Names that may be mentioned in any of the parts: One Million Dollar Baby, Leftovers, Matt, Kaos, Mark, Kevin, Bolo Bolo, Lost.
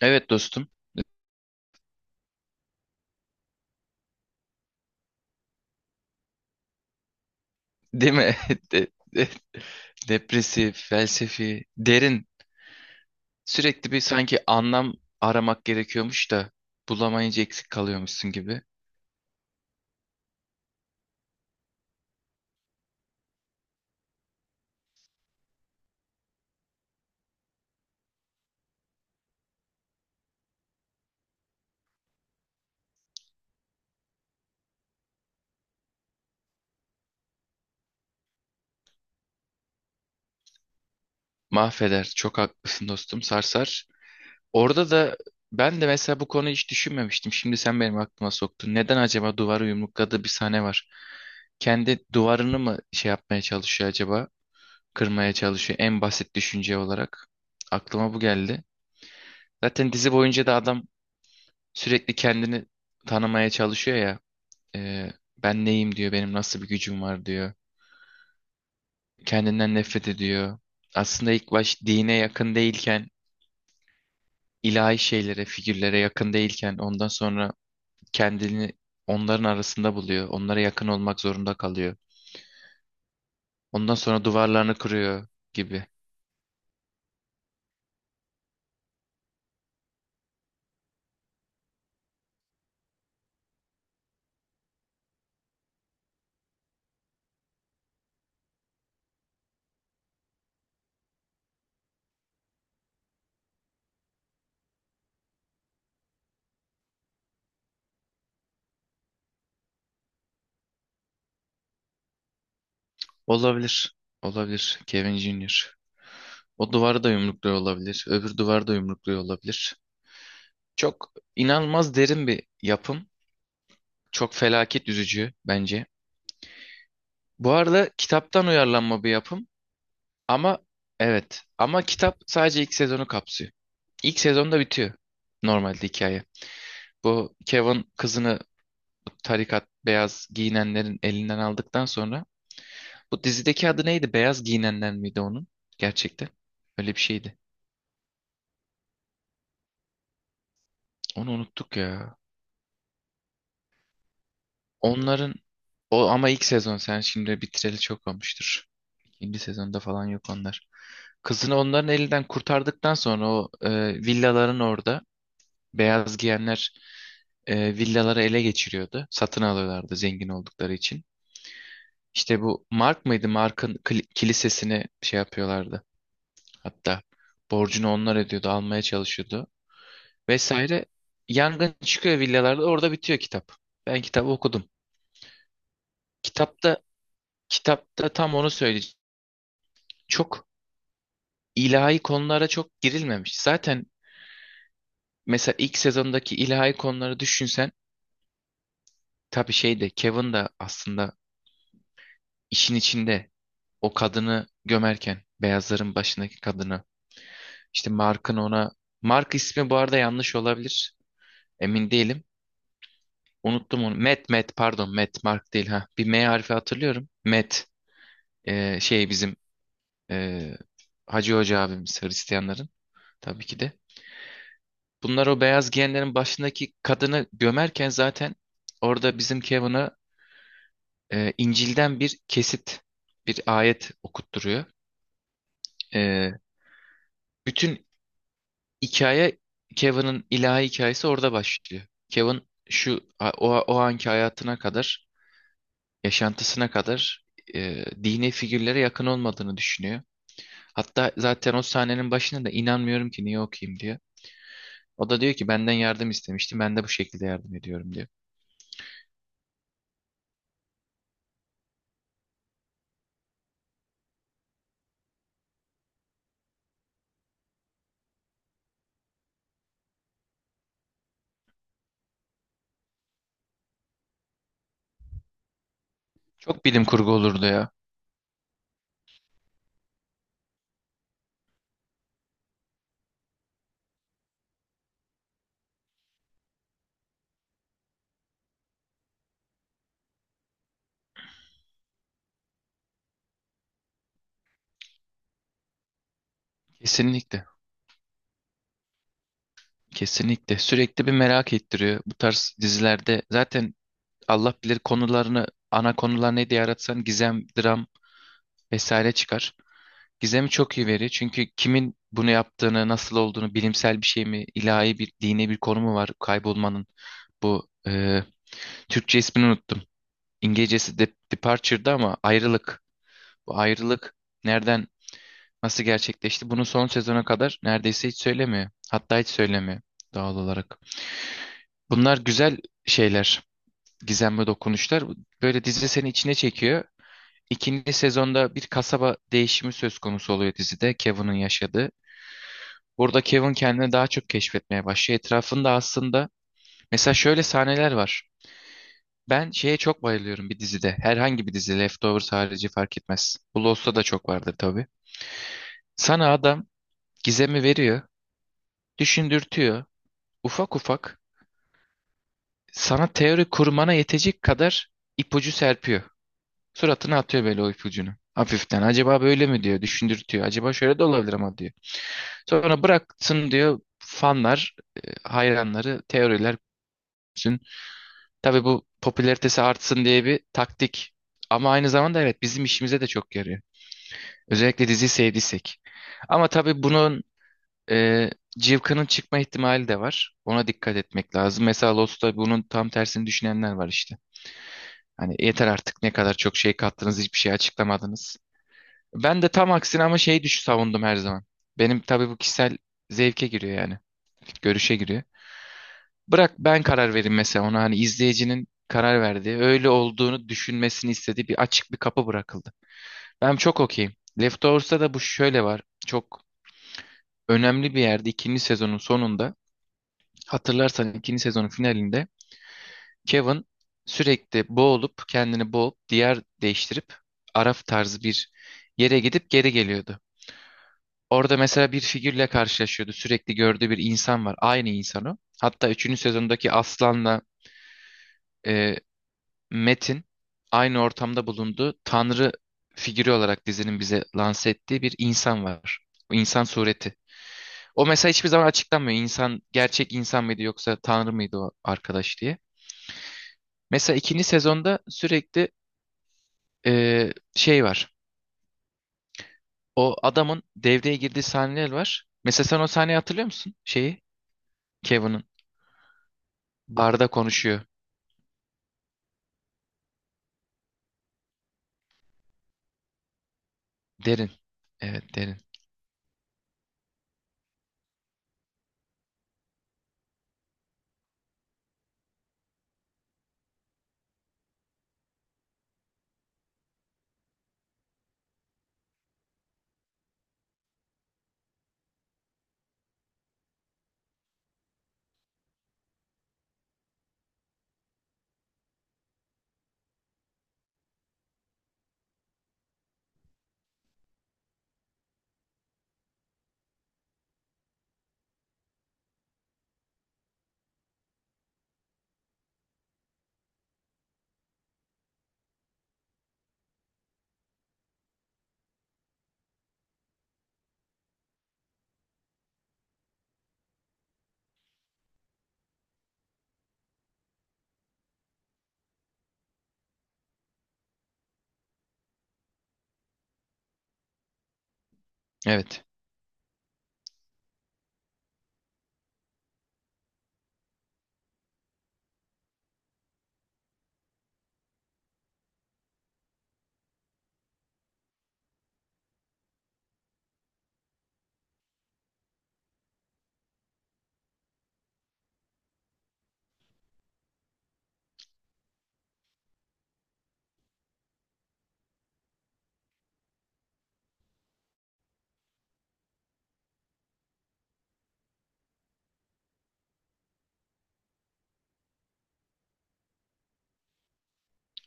Evet dostum. Değil mi? De- de- depresif, felsefi, derin. Sürekli bir sanki anlam aramak gerekiyormuş da bulamayınca eksik kalıyormuşsun gibi. Mahveder. Çok haklısın dostum. Sarsar. Orada da ben de mesela bu konuyu hiç düşünmemiştim. Şimdi sen benim aklıma soktun. Neden acaba duvarı yumrukladığı bir sahne var? Kendi duvarını mı şey yapmaya çalışıyor acaba? Kırmaya çalışıyor en basit düşünce olarak. Aklıma bu geldi. Zaten dizi boyunca da adam sürekli kendini tanımaya çalışıyor ya. E, ben neyim diyor, benim nasıl bir gücüm var diyor. Kendinden nefret ediyor. Aslında ilk baş dine yakın değilken, ilahi şeylere, figürlere yakın değilken ondan sonra kendini onların arasında buluyor. Onlara yakın olmak zorunda kalıyor. Ondan sonra duvarlarını kırıyor gibi. Olabilir. Olabilir. Kevin Jr. O duvarı da yumrukluyor olabilir. Öbür duvarı da yumrukluyor olabilir. Çok inanılmaz derin bir yapım. Çok felaket üzücü bence. Bu arada kitaptan uyarlanma bir yapım ama evet ama kitap sadece ilk sezonu kapsıyor. İlk sezonda bitiyor normalde hikaye. Bu Kevin kızını tarikat beyaz giyinenlerin elinden aldıktan sonra bu dizideki adı neydi? Beyaz giyinenler miydi onun? Gerçekten öyle bir şeydi. Onu unuttuk ya. Onların o ama ilk sezon sen şimdi bitireli çok olmuştur. İkinci sezonda falan yok onlar. Kızını onların elinden kurtardıktan sonra o villaların orada beyaz giyenler villaları ele geçiriyordu. Satın alıyorlardı zengin oldukları için. İşte bu Mark mıydı? Kilisesini şey yapıyorlardı. Hatta borcunu onlar ödüyordu, almaya çalışıyordu vesaire. Yangın çıkıyor villalarda, orada bitiyor kitap. Ben kitabı okudum. Kitapta kitapta tam onu söyleyeceğim. Çok ilahi konulara çok girilmemiş. Zaten mesela ilk sezondaki ilahi konuları düşünsen tabii şey de Kevin de aslında işin içinde o kadını gömerken beyazların başındaki kadını işte Mark'ın ona Mark ismi bu arada yanlış olabilir emin değilim unuttum onu Matt pardon Matt Mark değil ha bir M harfi hatırlıyorum Matt, şey bizim e, Hacı Hoca abimiz Hristiyanların tabii ki de bunlar o beyaz giyenlerin başındaki kadını gömerken zaten orada bizim Kevin'a İncil'den bir kesit, bir ayet okutturuyor. E, bütün hikaye Kevin'in ilahi hikayesi orada başlıyor. Kevin şu o anki hayatına kadar, yaşantısına kadar dini figürlere yakın olmadığını düşünüyor. Hatta zaten o sahnenin başında da inanmıyorum ki niye okuyayım diyor. O da diyor ki benden yardım istemişti, ben de bu şekilde yardım ediyorum diyor. Çok bilim kurgu olurdu ya. Kesinlikle. Kesinlikle sürekli bir merak ettiriyor bu tarz dizilerde. Zaten Allah bilir konularını ana konular ne diye aratsan gizem, dram vesaire çıkar. Gizemi çok iyi veriyor çünkü kimin bunu yaptığını, nasıl olduğunu, bilimsel bir şey mi, ilahi bir, dini bir konu mu var kaybolmanın? Bu Türkçe ismini unuttum. İngilizcesi de Departure'da ama ayrılık. Bu ayrılık nereden, nasıl gerçekleşti? Bunu son sezona kadar neredeyse hiç söylemiyor. Hatta hiç söylemiyor doğal olarak. Bunlar güzel şeyler, gizemli dokunuşlar. Böyle dizi seni içine çekiyor. İkinci sezonda bir kasaba değişimi söz konusu oluyor dizide Kevin'in yaşadığı. Burada Kevin kendini daha çok keşfetmeye başlıyor. Etrafında aslında mesela şöyle sahneler var. Ben şeye çok bayılıyorum bir dizide. Herhangi bir dizi Leftovers harici fark etmez. Bu Lost'ta da çok vardır tabii. Sana adam gizemi veriyor, düşündürtüyor. Ufak ufak sana teori kurmana yetecek kadar ipucu serpiyor. Suratına atıyor böyle o ipucunu. Hafiften. Acaba böyle mi diyor. Düşündürtüyor. Acaba şöyle de olabilir ama diyor. Sonra bıraksın diyor fanlar, hayranları, teoriler bütün. Tabii bu popülaritesi artsın diye bir taktik. Ama aynı zamanda evet bizim işimize de çok yarıyor. Özellikle diziyi sevdiysek. Ama tabii bunun e, cıvkının çıkma ihtimali de var. Ona dikkat etmek lazım. Mesela Lost'ta bunun tam tersini düşünenler var işte. Hani yeter artık ne kadar çok şey kattınız hiçbir şey açıklamadınız. Ben de tam aksine ama şeyi savundum her zaman. Benim tabii bu kişisel zevke giriyor yani. Görüşe giriyor. Bırak ben karar vereyim mesela ona hani izleyicinin karar verdiği, öyle olduğunu düşünmesini istediği bir açık bir kapı bırakıldı. Ben çok okeyim. Leftovers'ta da bu şöyle var. Çok önemli bir yerde ikinci sezonun sonunda hatırlarsan ikinci sezonun finalinde Kevin sürekli boğulup kendini boğup diğer değiştirip Araf tarzı bir yere gidip geri geliyordu. Orada mesela bir figürle karşılaşıyordu. Sürekli gördüğü bir insan var. Aynı insanı. Hatta üçüncü sezondaki Aslan'la e, Metin aynı ortamda bulunduğu Tanrı figürü olarak dizinin bize lanse ettiği bir insan var. O insan sureti. O mesela hiçbir zaman açıklanmıyor. İnsan gerçek insan mıydı yoksa Tanrı mıydı o arkadaş diye. Mesela ikinci sezonda sürekli şey var. O adamın devreye girdiği sahneler var. Mesela sen o sahneyi hatırlıyor musun? Şeyi Kevin'ın barda konuşuyor. Derin. Evet derin. Evet.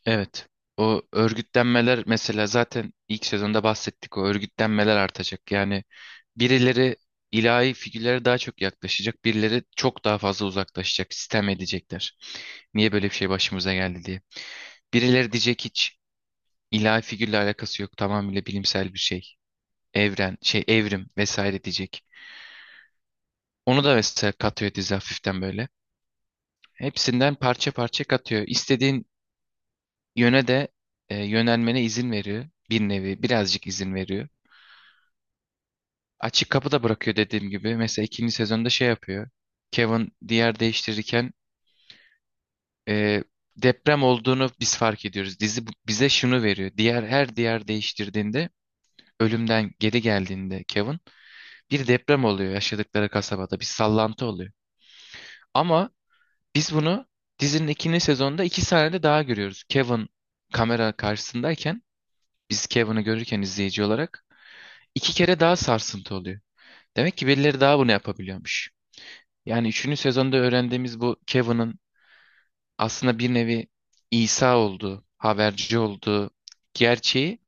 Evet. O örgütlenmeler mesela zaten ilk sezonda bahsettik. O örgütlenmeler artacak. Yani birileri ilahi figürlere daha çok yaklaşacak. Birileri çok daha fazla uzaklaşacak. Sistem edecekler. Niye böyle bir şey başımıza geldi diye. Birileri diyecek hiç ilahi figürle alakası yok. Tamamıyla bilimsel bir şey. Evren, şey evrim vesaire diyecek. Onu da mesela katıyor dizi hafiften böyle. Hepsinden parça parça katıyor. İstediğin yöne de yönelmene izin veriyor. Bir nevi birazcık izin veriyor. Açık kapı da bırakıyor dediğim gibi. Mesela ikinci sezonda şey yapıyor. Kevin diğer değiştirirken e, deprem olduğunu biz fark ediyoruz. Dizi bize şunu veriyor. Diğer her diğer değiştirdiğinde ölümden geri geldiğinde Kevin bir deprem oluyor yaşadıkları kasabada. Bir sallantı oluyor. Ama biz bunu dizinin ikinci sezonda iki sahnede daha görüyoruz. Kevin kamera karşısındayken biz Kevin'i görürken izleyici olarak iki kere daha sarsıntı oluyor. Demek ki birileri daha bunu yapabiliyormuş. Yani üçüncü sezonda öğrendiğimiz bu Kevin'ın aslında bir nevi İsa olduğu, haberci olduğu gerçeği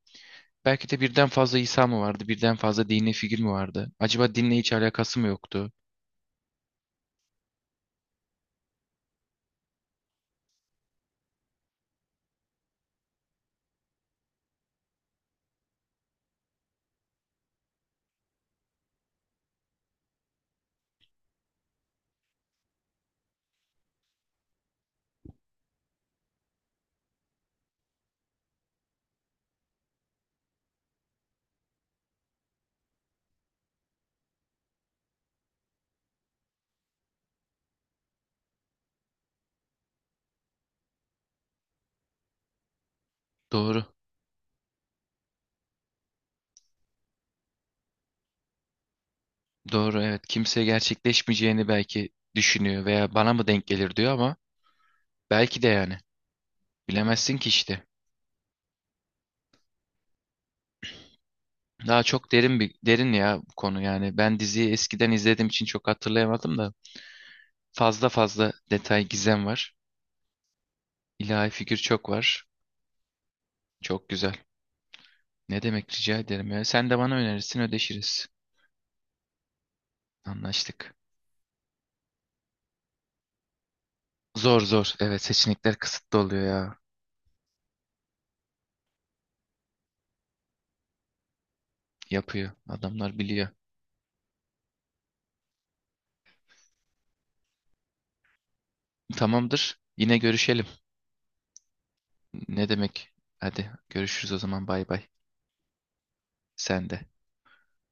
belki de birden fazla İsa mı vardı, birden fazla dini figür mü vardı? Acaba dinle hiç alakası mı yoktu? Doğru, doğru evet. Kimse gerçekleşmeyeceğini belki düşünüyor veya bana mı denk gelir diyor ama belki de yani. Bilemezsin ki işte. Daha çok derin bir derin ya bu konu yani. Ben diziyi eskiden izlediğim için çok hatırlayamadım da. Fazla fazla detay gizem var. İlahi figür çok var. Çok güzel. Ne demek rica ederim ya. Sen de bana önerirsin ödeşiriz. Anlaştık. Zor zor. Evet seçenekler kısıtlı oluyor ya. Yapıyor. Adamlar biliyor. Tamamdır. Yine görüşelim. Ne demek? Hadi görüşürüz o zaman bay bay. Sen de.